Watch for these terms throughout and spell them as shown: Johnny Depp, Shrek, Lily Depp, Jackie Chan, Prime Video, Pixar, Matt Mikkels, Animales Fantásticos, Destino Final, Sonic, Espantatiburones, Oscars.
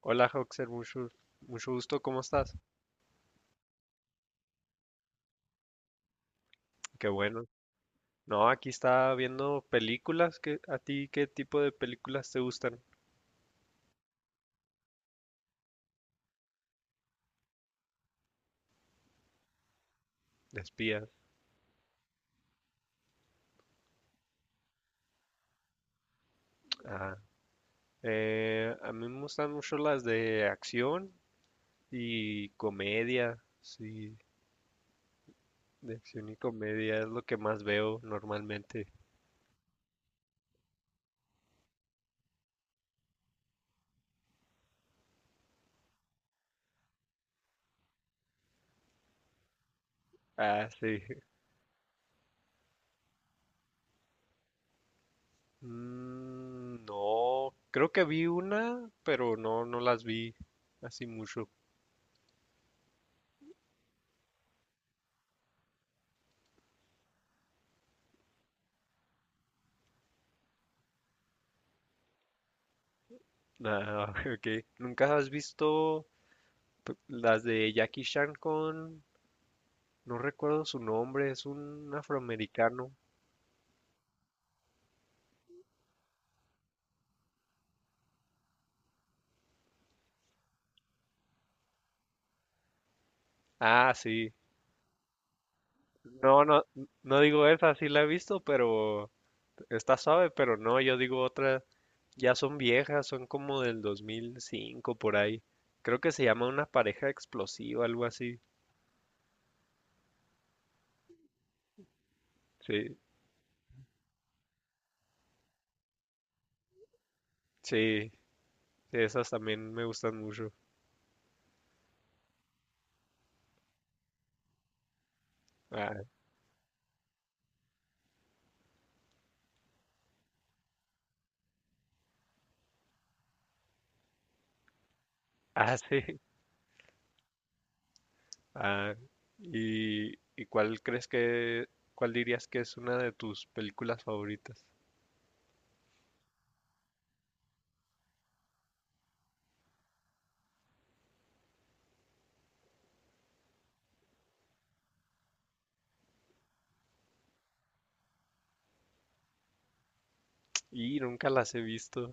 Hola, Hoxer, mucho gusto, ¿cómo estás? Qué bueno. No, aquí estaba viendo películas. ¿Qué, a ti qué tipo de películas te gustan? De espía. Ah, a mí me gustan mucho las de acción y comedia. Sí, de acción y comedia es lo que más veo normalmente. Ah, sí. Mm, no, creo que vi una, pero no las vi así mucho. Ah, ok. ¿Nunca has visto? Las de Jackie Chan con, no recuerdo su nombre, es un afroamericano. Ah, sí. No, no, no digo esa, sí la he visto, pero está suave, pero no, yo digo otra, ya son viejas, son como del 2005 por ahí. Creo que se llama Una pareja explosiva, algo así. Sí, sí, sí, esas también me gustan mucho. Ah, ah, sí. Ah, ¿y cuál crees que, cuál dirías que es una de tus películas favoritas? Y nunca las he visto.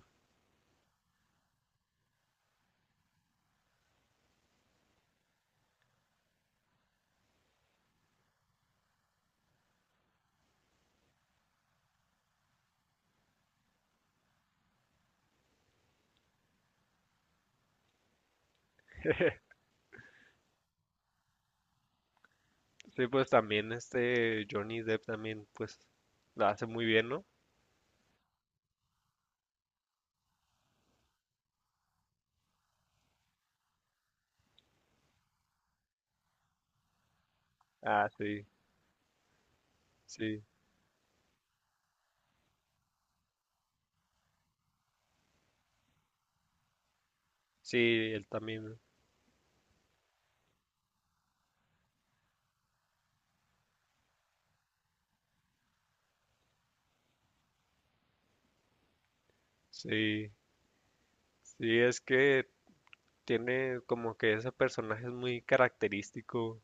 Sí, pues también este Johnny Depp también, pues, la hace muy bien, ¿no? Ah, sí, sí, sí, él también, sí, sí, es que tiene como que ese personaje es muy característico,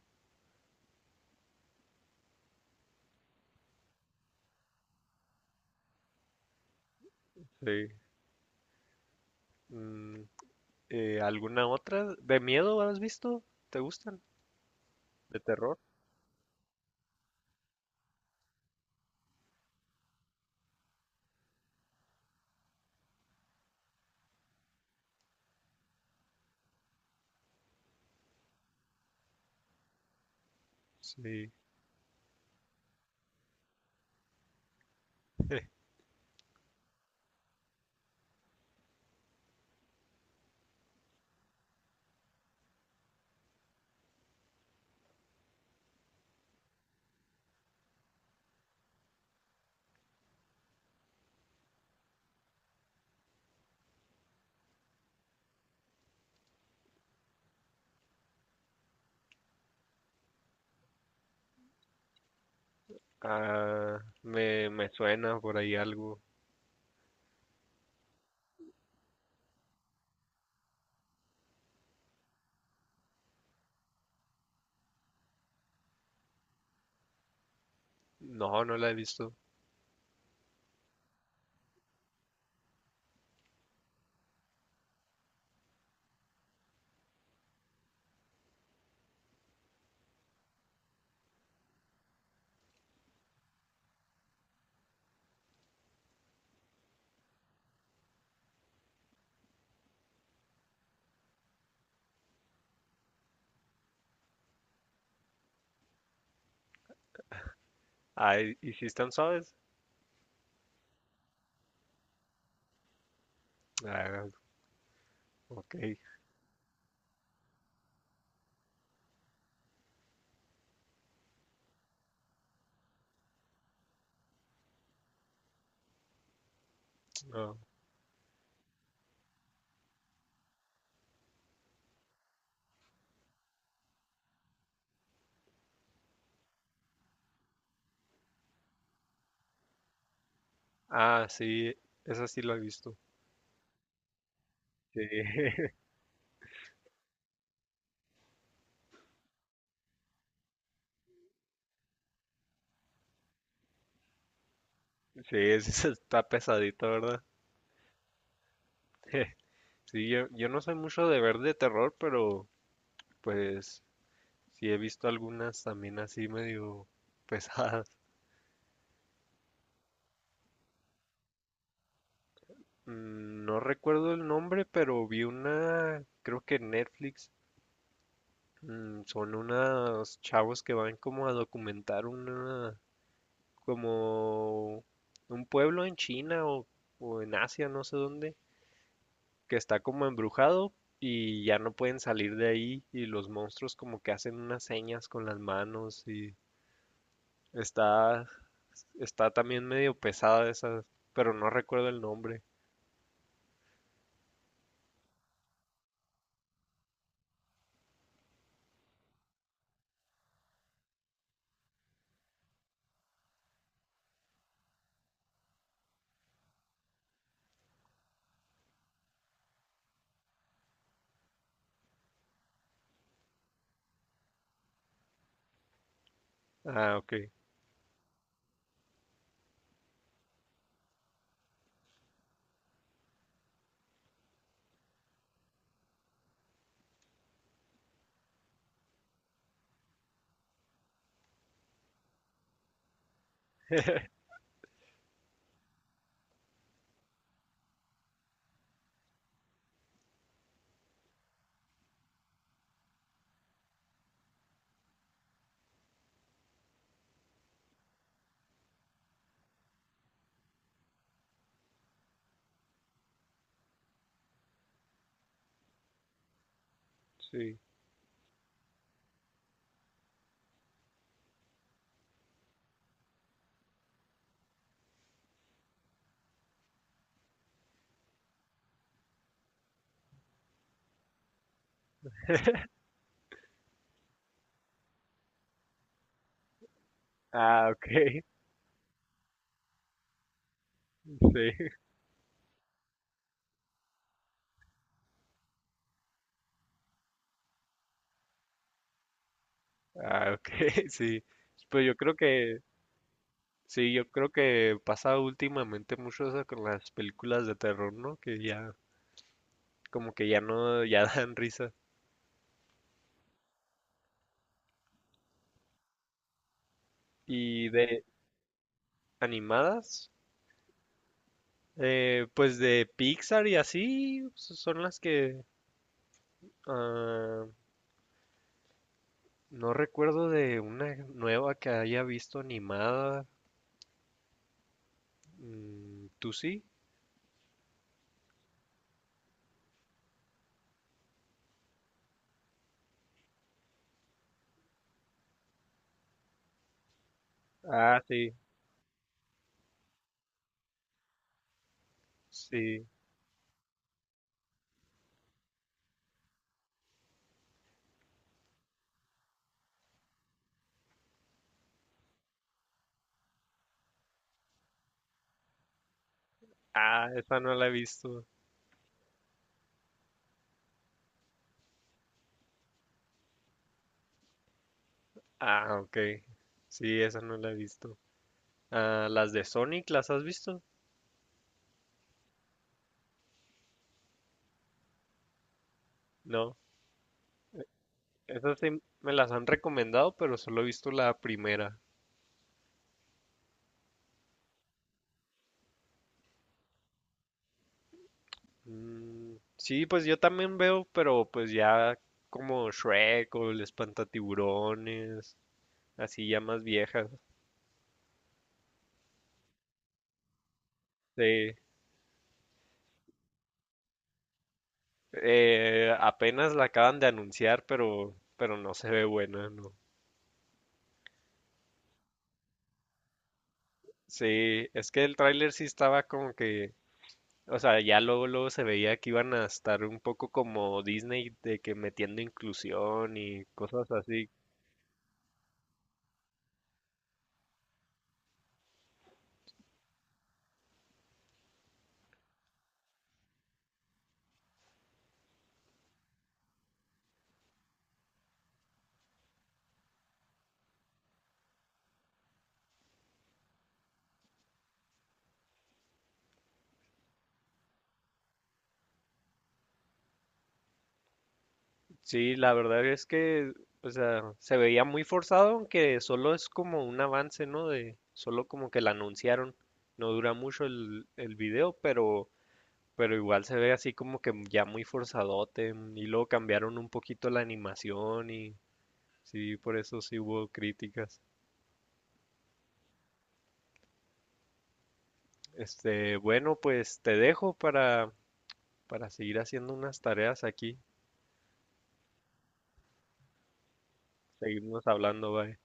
sí. Mm, ¿alguna otra? ¿De miedo has visto? ¿Te gustan? ¿De terror? Sí. Ah, me suena por ahí algo. No, no la he visto. Ah, y si están suaves? Ah, ok, no. Ah, sí, esa sí la he visto. Sí, sí, ese está pesadita, ¿verdad? Sí, yo no soy mucho de ver de terror, pero pues sí he visto algunas también así medio pesadas. Mm, no recuerdo el nombre, pero vi una, creo que en Netflix, mm, son unos chavos que van como a documentar una, como un pueblo en China o en Asia, no sé dónde, que está como embrujado y ya no pueden salir de ahí y los monstruos como que hacen unas señas con las manos y está está también medio pesada esa, pero no recuerdo el nombre. Ah, ok, sí. Ah, ok, sí. Ah, ok, sí. Pues yo creo que, sí, yo creo que pasa últimamente mucho eso con las películas de terror, ¿no? Que ya, como que ya no, ya dan risa. Y de animadas, eh, pues de Pixar y así son las que ah, no recuerdo de una nueva que haya visto animada. Mm, ¿tú sí? Ah, sí, sí. Ah, esa no la he visto. Ah, ok. Sí, esa no la he visto. Ah, las de Sonic, ¿las has visto? No. Esas sí me las han recomendado, pero solo he visto la primera. Mm, sí, pues yo también veo, pero pues ya como Shrek o el Espantatiburones, así ya más viejas. Sí, apenas la acaban de anunciar, pero no se ve buena, ¿no? Sí, es que el tráiler sí estaba como que, o sea, ya luego se veía que iban a estar un poco como Disney de que metiendo inclusión y cosas así. Sí, la verdad es que, o sea, se veía muy forzado, aunque solo es como un avance, ¿no? De solo como que la anunciaron. No dura mucho el video, pero igual se ve así como que ya muy forzadote. Mm, y luego cambiaron un poquito la animación y sí, por eso sí hubo críticas. Este, bueno, pues te dejo para seguir haciendo unas tareas aquí. Seguimos hablando, bye.